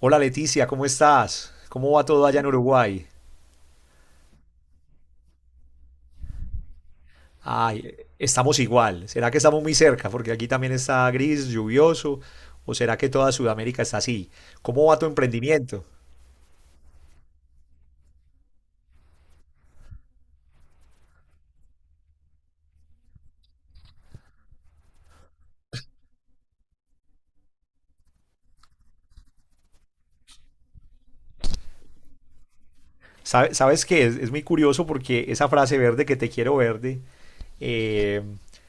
Hola Leticia, ¿cómo estás? ¿Cómo va todo allá en Uruguay? Ay, estamos igual. ¿Será que estamos muy cerca? Porque aquí también está gris, lluvioso. ¿O será que toda Sudamérica está así? ¿Cómo va tu emprendimiento? ¿Sabes qué? Es muy curioso porque esa frase verde que te quiero verde, eh,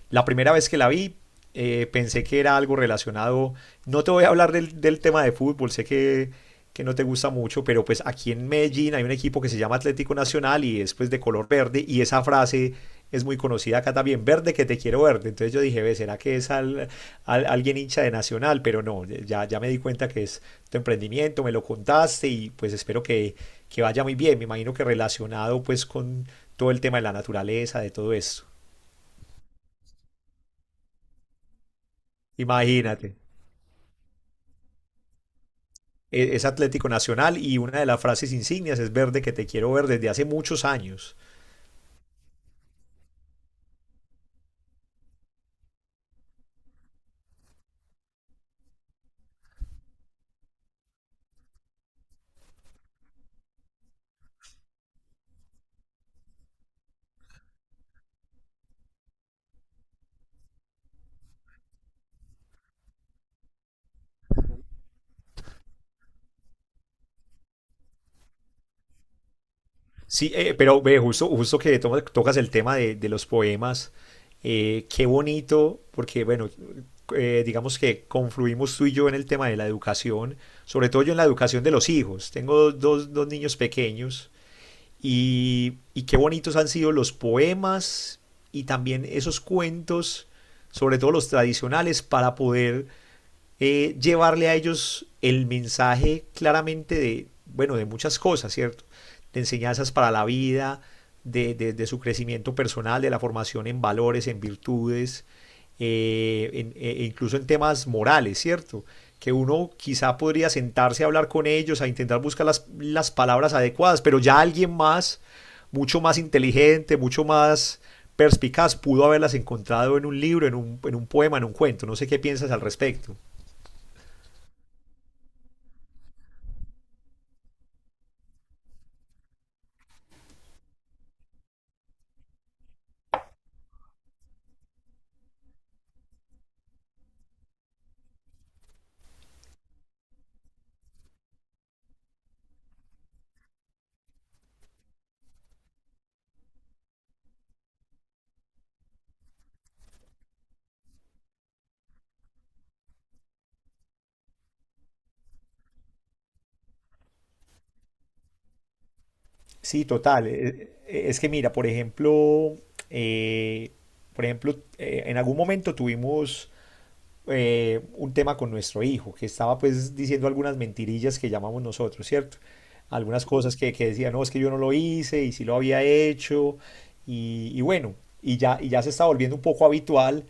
la primera vez que la vi, pensé que era algo relacionado. No te voy a hablar del tema de fútbol, sé que no te gusta mucho, pero pues aquí en Medellín hay un equipo que se llama Atlético Nacional y es pues de color verde y esa frase es muy conocida acá también, verde que te quiero verde. Entonces yo dije, ve, ¿será que es alguien hincha de Nacional? Pero no, ya me di cuenta que es tu emprendimiento, me lo contaste y pues espero que vaya muy bien, me imagino que relacionado pues con todo el tema de la naturaleza, de todo esto. Imagínate, es Atlético Nacional y una de las frases insignias es verde que te quiero ver desde hace muchos años. Sí, pero ve, justo que tocas el tema de los poemas, qué bonito, porque bueno, digamos que confluimos tú y yo en el tema de la educación, sobre todo yo en la educación de los hijos. Tengo dos niños pequeños. Y qué bonitos han sido los poemas y también esos cuentos, sobre todo los tradicionales, para poder llevarle a ellos el mensaje claramente de, bueno, de muchas cosas, ¿cierto? De enseñanzas para la vida, de su crecimiento personal, de la formación en valores, en virtudes, e incluso en temas morales, ¿cierto? Que uno quizá podría sentarse a hablar con ellos, a intentar buscar las palabras adecuadas, pero ya alguien más, mucho más inteligente, mucho más perspicaz, pudo haberlas encontrado en un libro, en un poema, en un cuento. No sé qué piensas al respecto. Sí, total. Es que mira, por ejemplo, eh, por ejemplo, en algún momento tuvimos un tema con nuestro hijo, que estaba pues diciendo algunas mentirillas que llamamos nosotros, ¿cierto? Algunas cosas que decía, no, es que yo no lo hice y sí lo había hecho y bueno, y ya se está volviendo un poco habitual.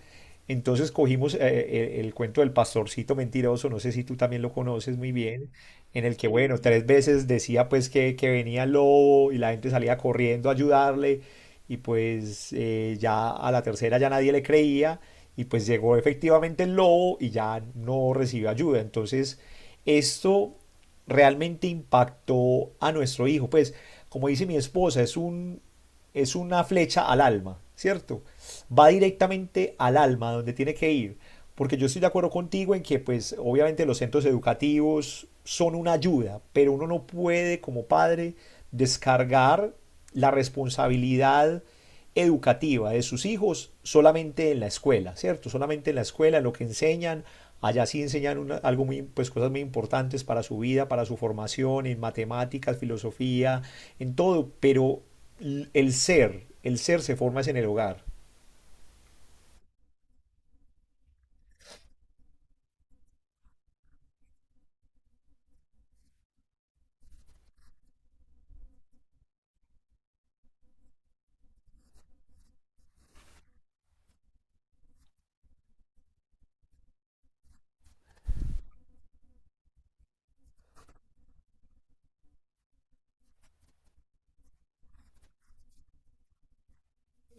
Entonces cogimos el cuento del pastorcito mentiroso, no sé si tú también lo conoces muy bien, en el que, bueno, tres veces decía pues que venía el lobo y la gente salía corriendo a ayudarle y pues ya a la tercera ya nadie le creía y pues llegó efectivamente el lobo y ya no recibió ayuda. Entonces esto realmente impactó a nuestro hijo. Pues como dice mi esposa, es una flecha al alma, ¿cierto? Va directamente al alma, donde tiene que ir. Porque yo estoy de acuerdo contigo en que, pues, obviamente los centros educativos son una ayuda, pero uno no puede como padre descargar la responsabilidad educativa de sus hijos solamente en la escuela, ¿cierto? Solamente en la escuela, lo que enseñan, allá sí enseñan algo muy, pues cosas muy importantes para su vida, para su formación, en matemáticas, filosofía, en todo, pero el ser se forma es en el hogar.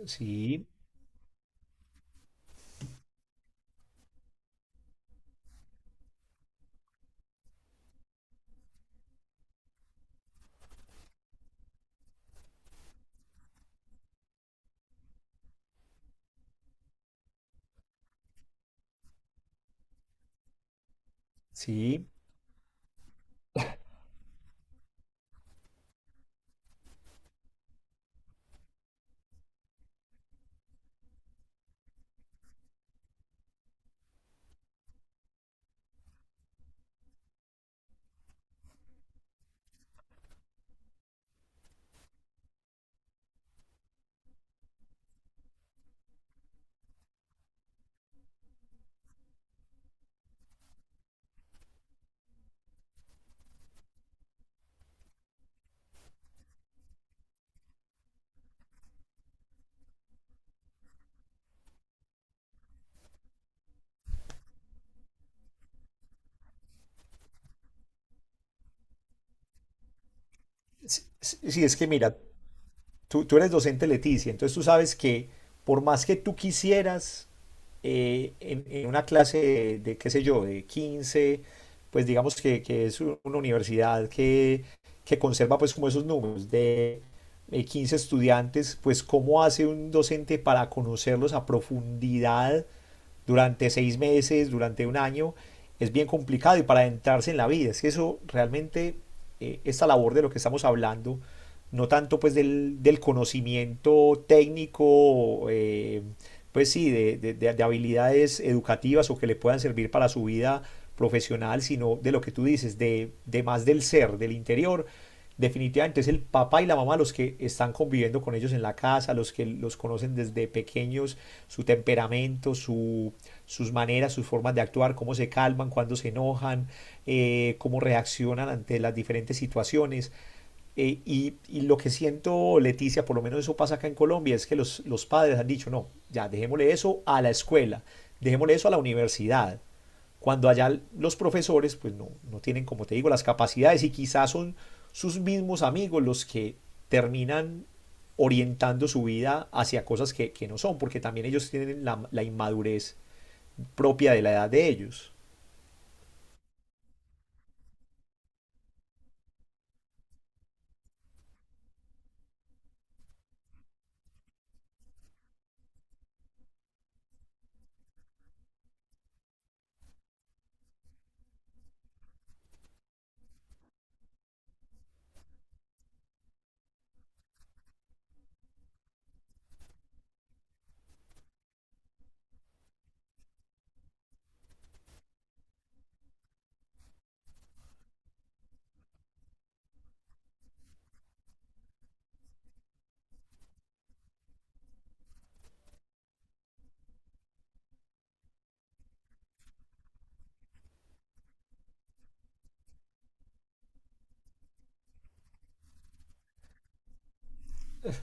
Sí, sí. Sí, sí, es que mira, tú eres docente Leticia, entonces tú sabes que por más que tú quisieras en una clase qué sé yo, de 15, pues digamos que es una universidad que conserva pues como esos números de 15 estudiantes, pues cómo hace un docente para conocerlos a profundidad durante seis meses, durante un año, es bien complicado y para adentrarse en la vida. Es que eso realmente, esta labor de lo que estamos hablando, no tanto pues del conocimiento técnico, pues sí, habilidades educativas o que le puedan servir para su vida profesional, sino de lo que tú dices, de más del ser, del interior. Definitivamente es el papá y la mamá los que están conviviendo con ellos en la casa, los que los conocen desde pequeños, su temperamento, su, sus maneras, sus formas de actuar, cómo se calman, cuando se enojan, cómo reaccionan ante las diferentes situaciones. Y lo que siento, Leticia, por lo menos eso pasa acá en Colombia, es que los padres han dicho, no, ya dejémosle eso a la escuela, dejémosle eso a la universidad, cuando allá los profesores pues no, no tienen, como te digo, las capacidades y quizás son sus mismos amigos los que terminan orientando su vida hacia cosas que no son, porque también ellos tienen la inmadurez propia de la edad de ellos.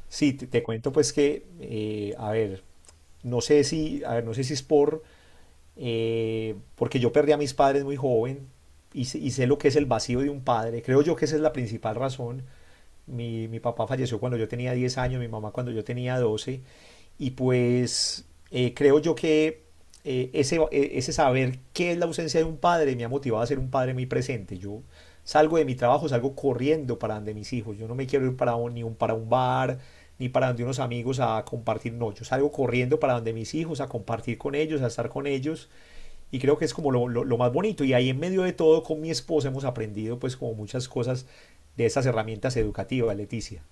Sí, te cuento pues que, a ver, no sé si, a ver, no sé si es por porque yo perdí a mis padres muy joven y, y sé lo que es el vacío de un padre. Creo yo que esa es la principal razón. Mi papá falleció cuando yo tenía 10 años, mi mamá cuando yo tenía doce. Y pues creo yo que ese saber qué es la ausencia de un padre me ha motivado a ser un padre muy presente. Yo salgo de mi trabajo, salgo corriendo para donde mis hijos. Yo no me quiero ir para un- ni un, para un bar, ni para donde unos amigos a compartir. No, yo salgo corriendo para donde mis hijos, a compartir con ellos, a estar con ellos y creo que es como lo más bonito. Y ahí en medio de todo, con mi esposa hemos aprendido pues como muchas cosas de esas herramientas educativas, Leticia.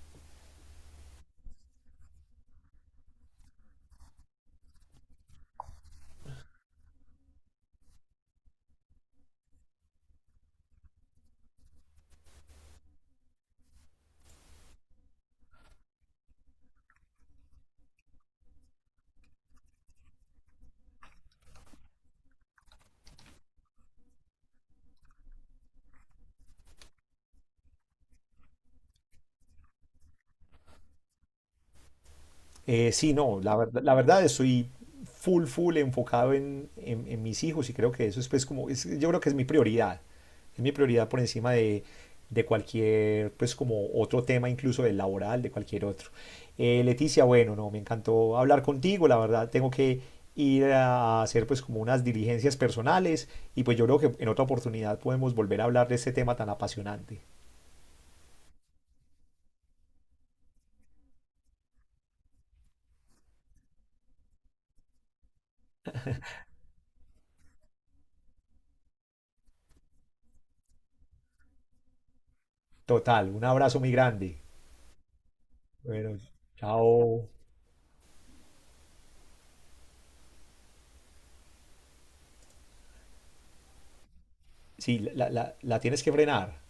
Sí, no, la verdad estoy full enfocado en mis hijos y creo que eso es pues como, yo creo que es mi prioridad por encima de cualquier pues como otro tema incluso del laboral, de cualquier otro. Leticia, bueno, no, me encantó hablar contigo, la verdad tengo que ir a hacer pues como unas diligencias personales y pues yo creo que en otra oportunidad podemos volver a hablar de este tema tan apasionante. Total, un abrazo muy grande. Bueno, chao. Sí, la tienes que frenar.